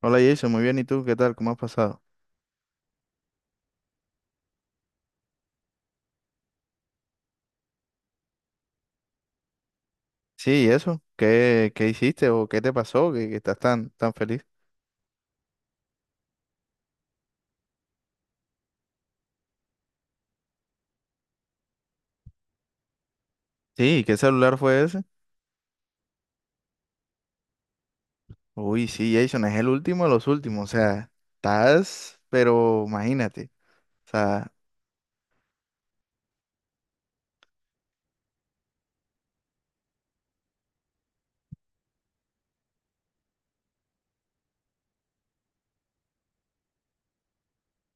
Hola Jason, muy bien. ¿Y tú qué tal? ¿Cómo has pasado? Sí, ¿y eso? ¿Qué hiciste o qué te pasó que estás tan, tan feliz? Sí, ¿qué celular fue ese? Uy, sí, Jason, es el último de los últimos. O sea, estás, pero imagínate. O sea,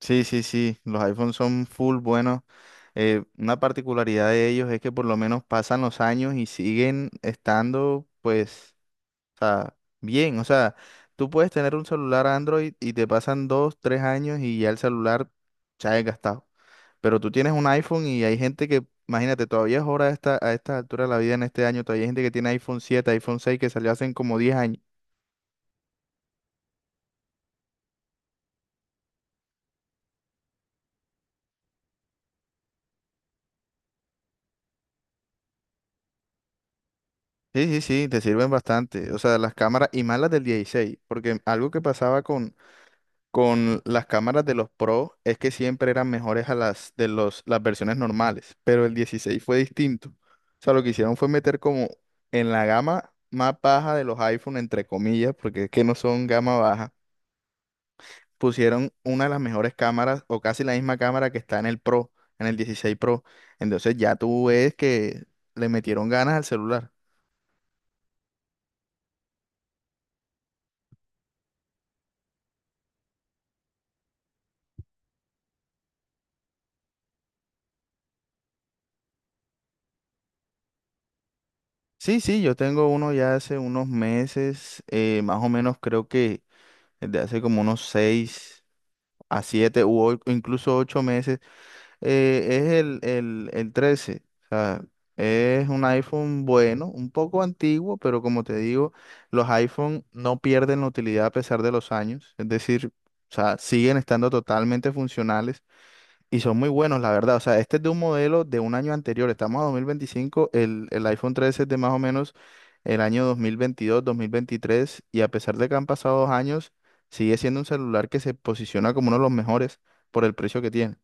sí, sí, sí, los iPhones son full buenos. Una particularidad de ellos es que por lo menos pasan los años y siguen estando, pues, o sea, bien. O sea, tú puedes tener un celular Android y te pasan dos, tres años y ya el celular se ha desgastado. Pero tú tienes un iPhone y hay gente que, imagínate, todavía es hora a esta, altura de la vida en este año, todavía hay gente que tiene iPhone 7 iPhone 6 que salió hace como 10 años. Sí, sí, sí, te sirven bastante. O sea, las cámaras y más las del 16, porque algo que pasaba con las cámaras de los Pro es que siempre eran mejores a las de las versiones normales, pero el 16 fue distinto. O sea, lo que hicieron fue meter como en la gama más baja de los iPhone, entre comillas, porque es que no son gama baja, pusieron una de las mejores cámaras, o casi la misma cámara que está en el Pro, en el 16 Pro. Entonces ya tú ves que le metieron ganas al celular. Sí, sí, yo tengo uno ya hace unos meses. Más o menos creo que desde hace como unos 6 a 7 incluso 8 meses. Es el 13. O sea, es un iPhone bueno, un poco antiguo, pero como te digo, los iPhone no pierden la utilidad a pesar de los años. Es decir, o sea, siguen estando totalmente funcionales y son muy buenos, la verdad. O sea, este es de un modelo de un año anterior. Estamos a 2025. El iPhone 13 es de más o menos el año 2022, 2023. Y a pesar de que han pasado 2 años, sigue siendo un celular que se posiciona como uno de los mejores por el precio que tiene.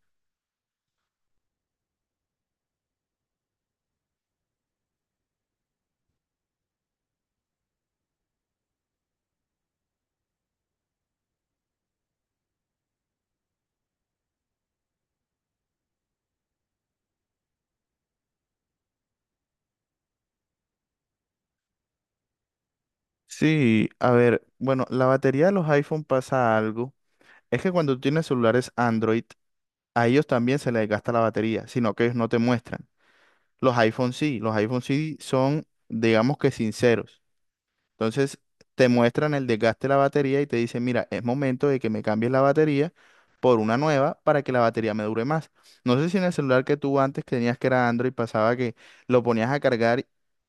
Sí, a ver, bueno, la batería de los iPhone pasa algo. Es que cuando tú tienes celulares Android, a ellos también se les gasta la batería, sino que ellos no te muestran. Los iPhone sí son, digamos, que sinceros. Entonces te muestran el desgaste de la batería y te dicen, mira, es momento de que me cambies la batería por una nueva para que la batería me dure más. No sé si en el celular que tú antes que tenías, que era Android, pasaba que lo ponías a cargar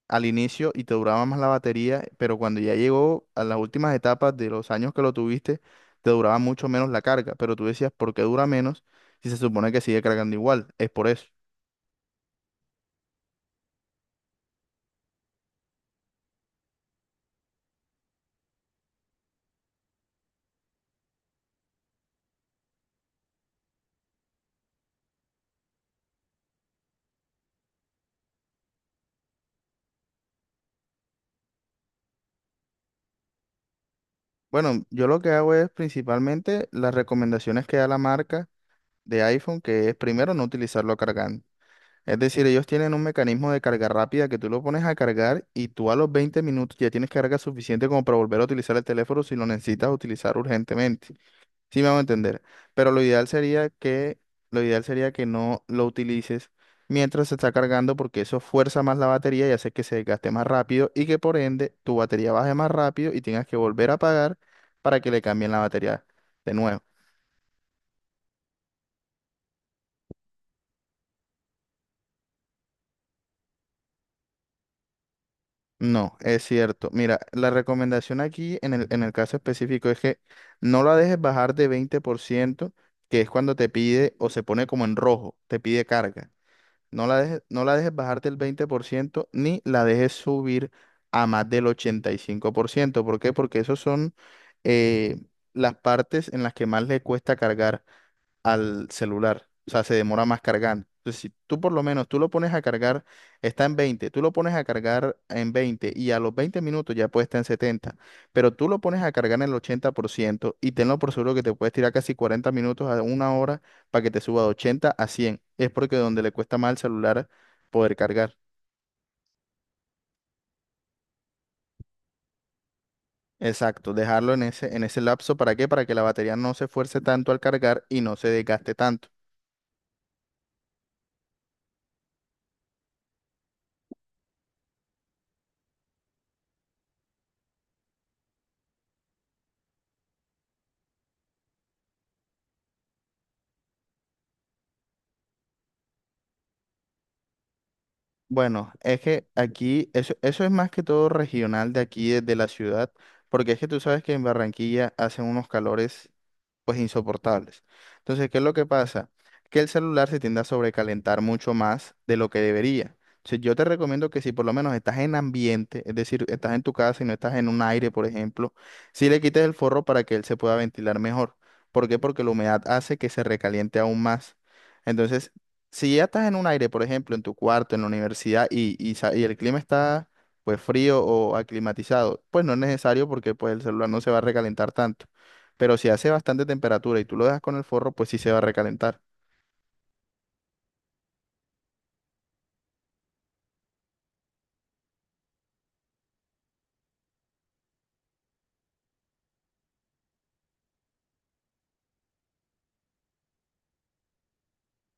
al inicio y te duraba más la batería, pero cuando ya llegó a las últimas etapas de los años que lo tuviste, te duraba mucho menos la carga, pero tú decías, ¿por qué dura menos si se supone que sigue cargando igual? Es por eso. Bueno, yo lo que hago es principalmente las recomendaciones que da la marca de iPhone, que es primero no utilizarlo cargando. Es decir, ellos tienen un mecanismo de carga rápida que tú lo pones a cargar y tú a los 20 minutos ya tienes carga suficiente como para volver a utilizar el teléfono si lo necesitas utilizar urgentemente. Sí me van a entender. Pero lo ideal sería que no lo utilices mientras se está cargando, porque eso fuerza más la batería y hace que se desgaste más rápido y que por ende tu batería baje más rápido y tengas que volver a apagar para que le cambien la batería de nuevo. No, es cierto. Mira, la recomendación aquí en el caso específico es que no la dejes bajar de 20%, que es cuando te pide, o se pone como en rojo, te pide carga. No la dejes bajarte el ciento, ni la dejes subir a más del 85%. Por ciento. ¿Por qué? Porque esos son, eh, las partes en las que más le cuesta cargar al celular. O sea, se demora más cargando. Entonces, si tú por lo menos, tú lo pones a cargar, está en 20, tú lo pones a cargar en 20 y a los 20 minutos ya puede estar en 70, pero tú lo pones a cargar en el 80% y tenlo por seguro que te puedes tirar casi 40 minutos a una hora para que te suba de 80 a 100. Es porque donde le cuesta más al celular poder cargar. Exacto, dejarlo en ese lapso, ¿para qué? Para que la batería no se esfuerce tanto al cargar y no se desgaste tanto. Bueno, es que aquí, eso es más que todo regional de aquí, de la ciudad, porque es que tú sabes que en Barranquilla hacen unos calores pues insoportables. Entonces, ¿qué es lo que pasa? Que el celular se tiende a sobrecalentar mucho más de lo que debería. Entonces, yo te recomiendo que si por lo menos estás en ambiente, es decir, estás en tu casa y no estás en un aire, por ejemplo, si le quites el forro para que él se pueda ventilar mejor. ¿Por qué? Porque la humedad hace que se recaliente aún más. Entonces, si ya estás en un aire, por ejemplo, en tu cuarto, en la universidad, y el clima está pues frío o aclimatizado, pues no es necesario porque pues el celular no se va a recalentar tanto, pero si hace bastante temperatura y tú lo dejas con el forro, pues sí se va a recalentar.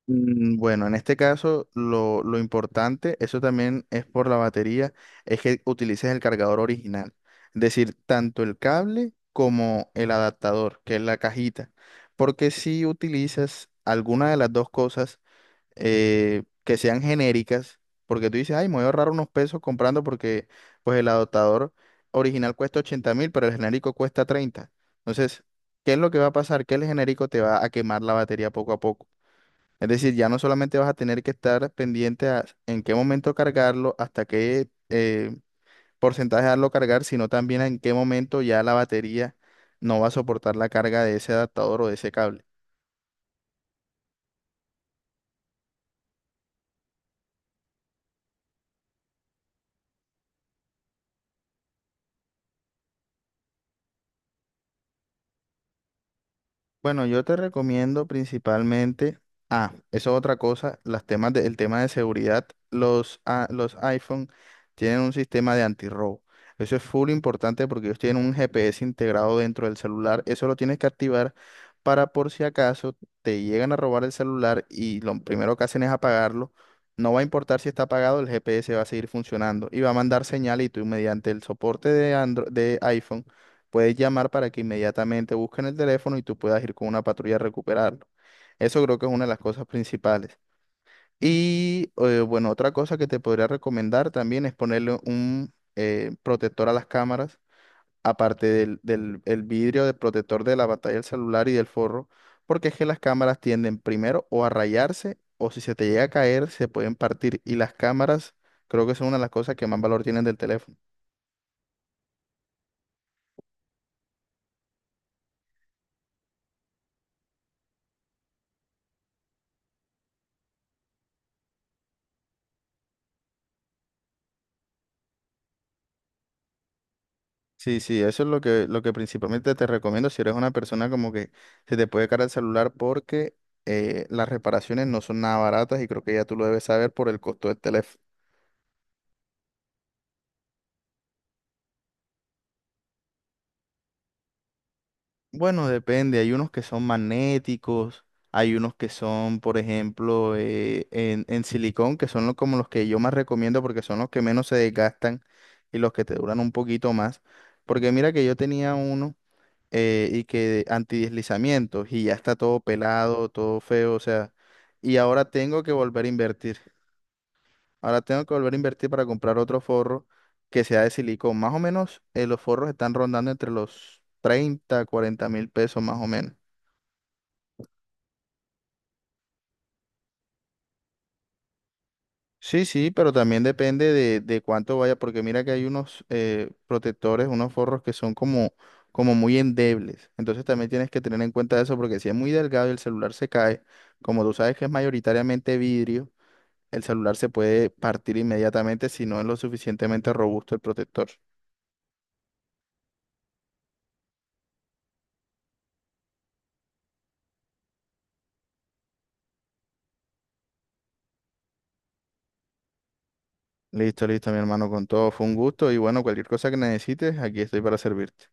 Bueno, en este caso lo importante, eso también es por la batería, es que utilices el cargador original, es decir, tanto el cable como el adaptador, que es la cajita, porque si utilizas alguna de las dos cosas, que sean genéricas, porque tú dices, ay, me voy a ahorrar unos pesos comprando, porque pues el adaptador original cuesta 80 mil, pero el genérico cuesta 30. Entonces, ¿qué es lo que va a pasar? Que el genérico te va a quemar la batería poco a poco. Es decir, ya no solamente vas a tener que estar pendiente a en qué momento cargarlo, hasta qué porcentaje darlo cargar, sino también en qué momento ya la batería no va a soportar la carga de ese adaptador o de ese cable. Bueno, yo te recomiendo principalmente, ah, eso es otra cosa, el tema de seguridad. Los iPhone tienen un sistema de antirrobo. Eso es full importante porque ellos tienen un GPS integrado dentro del celular. Eso lo tienes que activar para, por si acaso te llegan a robar el celular y lo primero que hacen es apagarlo, no va a importar si está apagado, el GPS va a seguir funcionando y va a mandar señal, y tú mediante el soporte de de iPhone puedes llamar para que inmediatamente busquen el teléfono y tú puedas ir con una patrulla a recuperarlo. Eso creo que es una de las cosas principales. Y bueno, otra cosa que te podría recomendar también es ponerle un protector a las cámaras, aparte del, del el vidrio de protector de la pantalla del celular y del forro, porque es que las cámaras tienden primero o a rayarse o si se te llega a caer se pueden partir, y las cámaras creo que son una de las cosas que más valor tienen del teléfono. Sí, sí, eso es lo que principalmente te recomiendo si eres una persona como que se te puede caer el celular, porque las reparaciones no son nada baratas y creo que ya tú lo debes saber por el costo del teléfono. Bueno, depende, hay unos que son magnéticos, hay unos que son, por ejemplo, en silicón, que son como los que yo más recomiendo porque son los que menos se desgastan y los que te duran un poquito más. Porque mira que yo tenía uno. Y que antideslizamientos, y ya está todo pelado, todo feo, o sea, y ahora tengo que volver a invertir. Ahora tengo que volver a invertir para comprar otro forro que sea de silicón. Más o menos, los forros están rondando entre los 30-40 mil pesos, más o menos. Sí, sí, pero también depende de cuánto vaya, porque mira que hay unos protectores, unos forros que son como muy endebles. Entonces también tienes que tener en cuenta eso, porque si es muy delgado y el celular se cae, como tú sabes que es mayoritariamente vidrio, el celular se puede partir inmediatamente si no es lo suficientemente robusto el protector. Listo, listo, mi hermano, con todo fue un gusto y bueno, cualquier cosa que necesites, aquí estoy para servirte.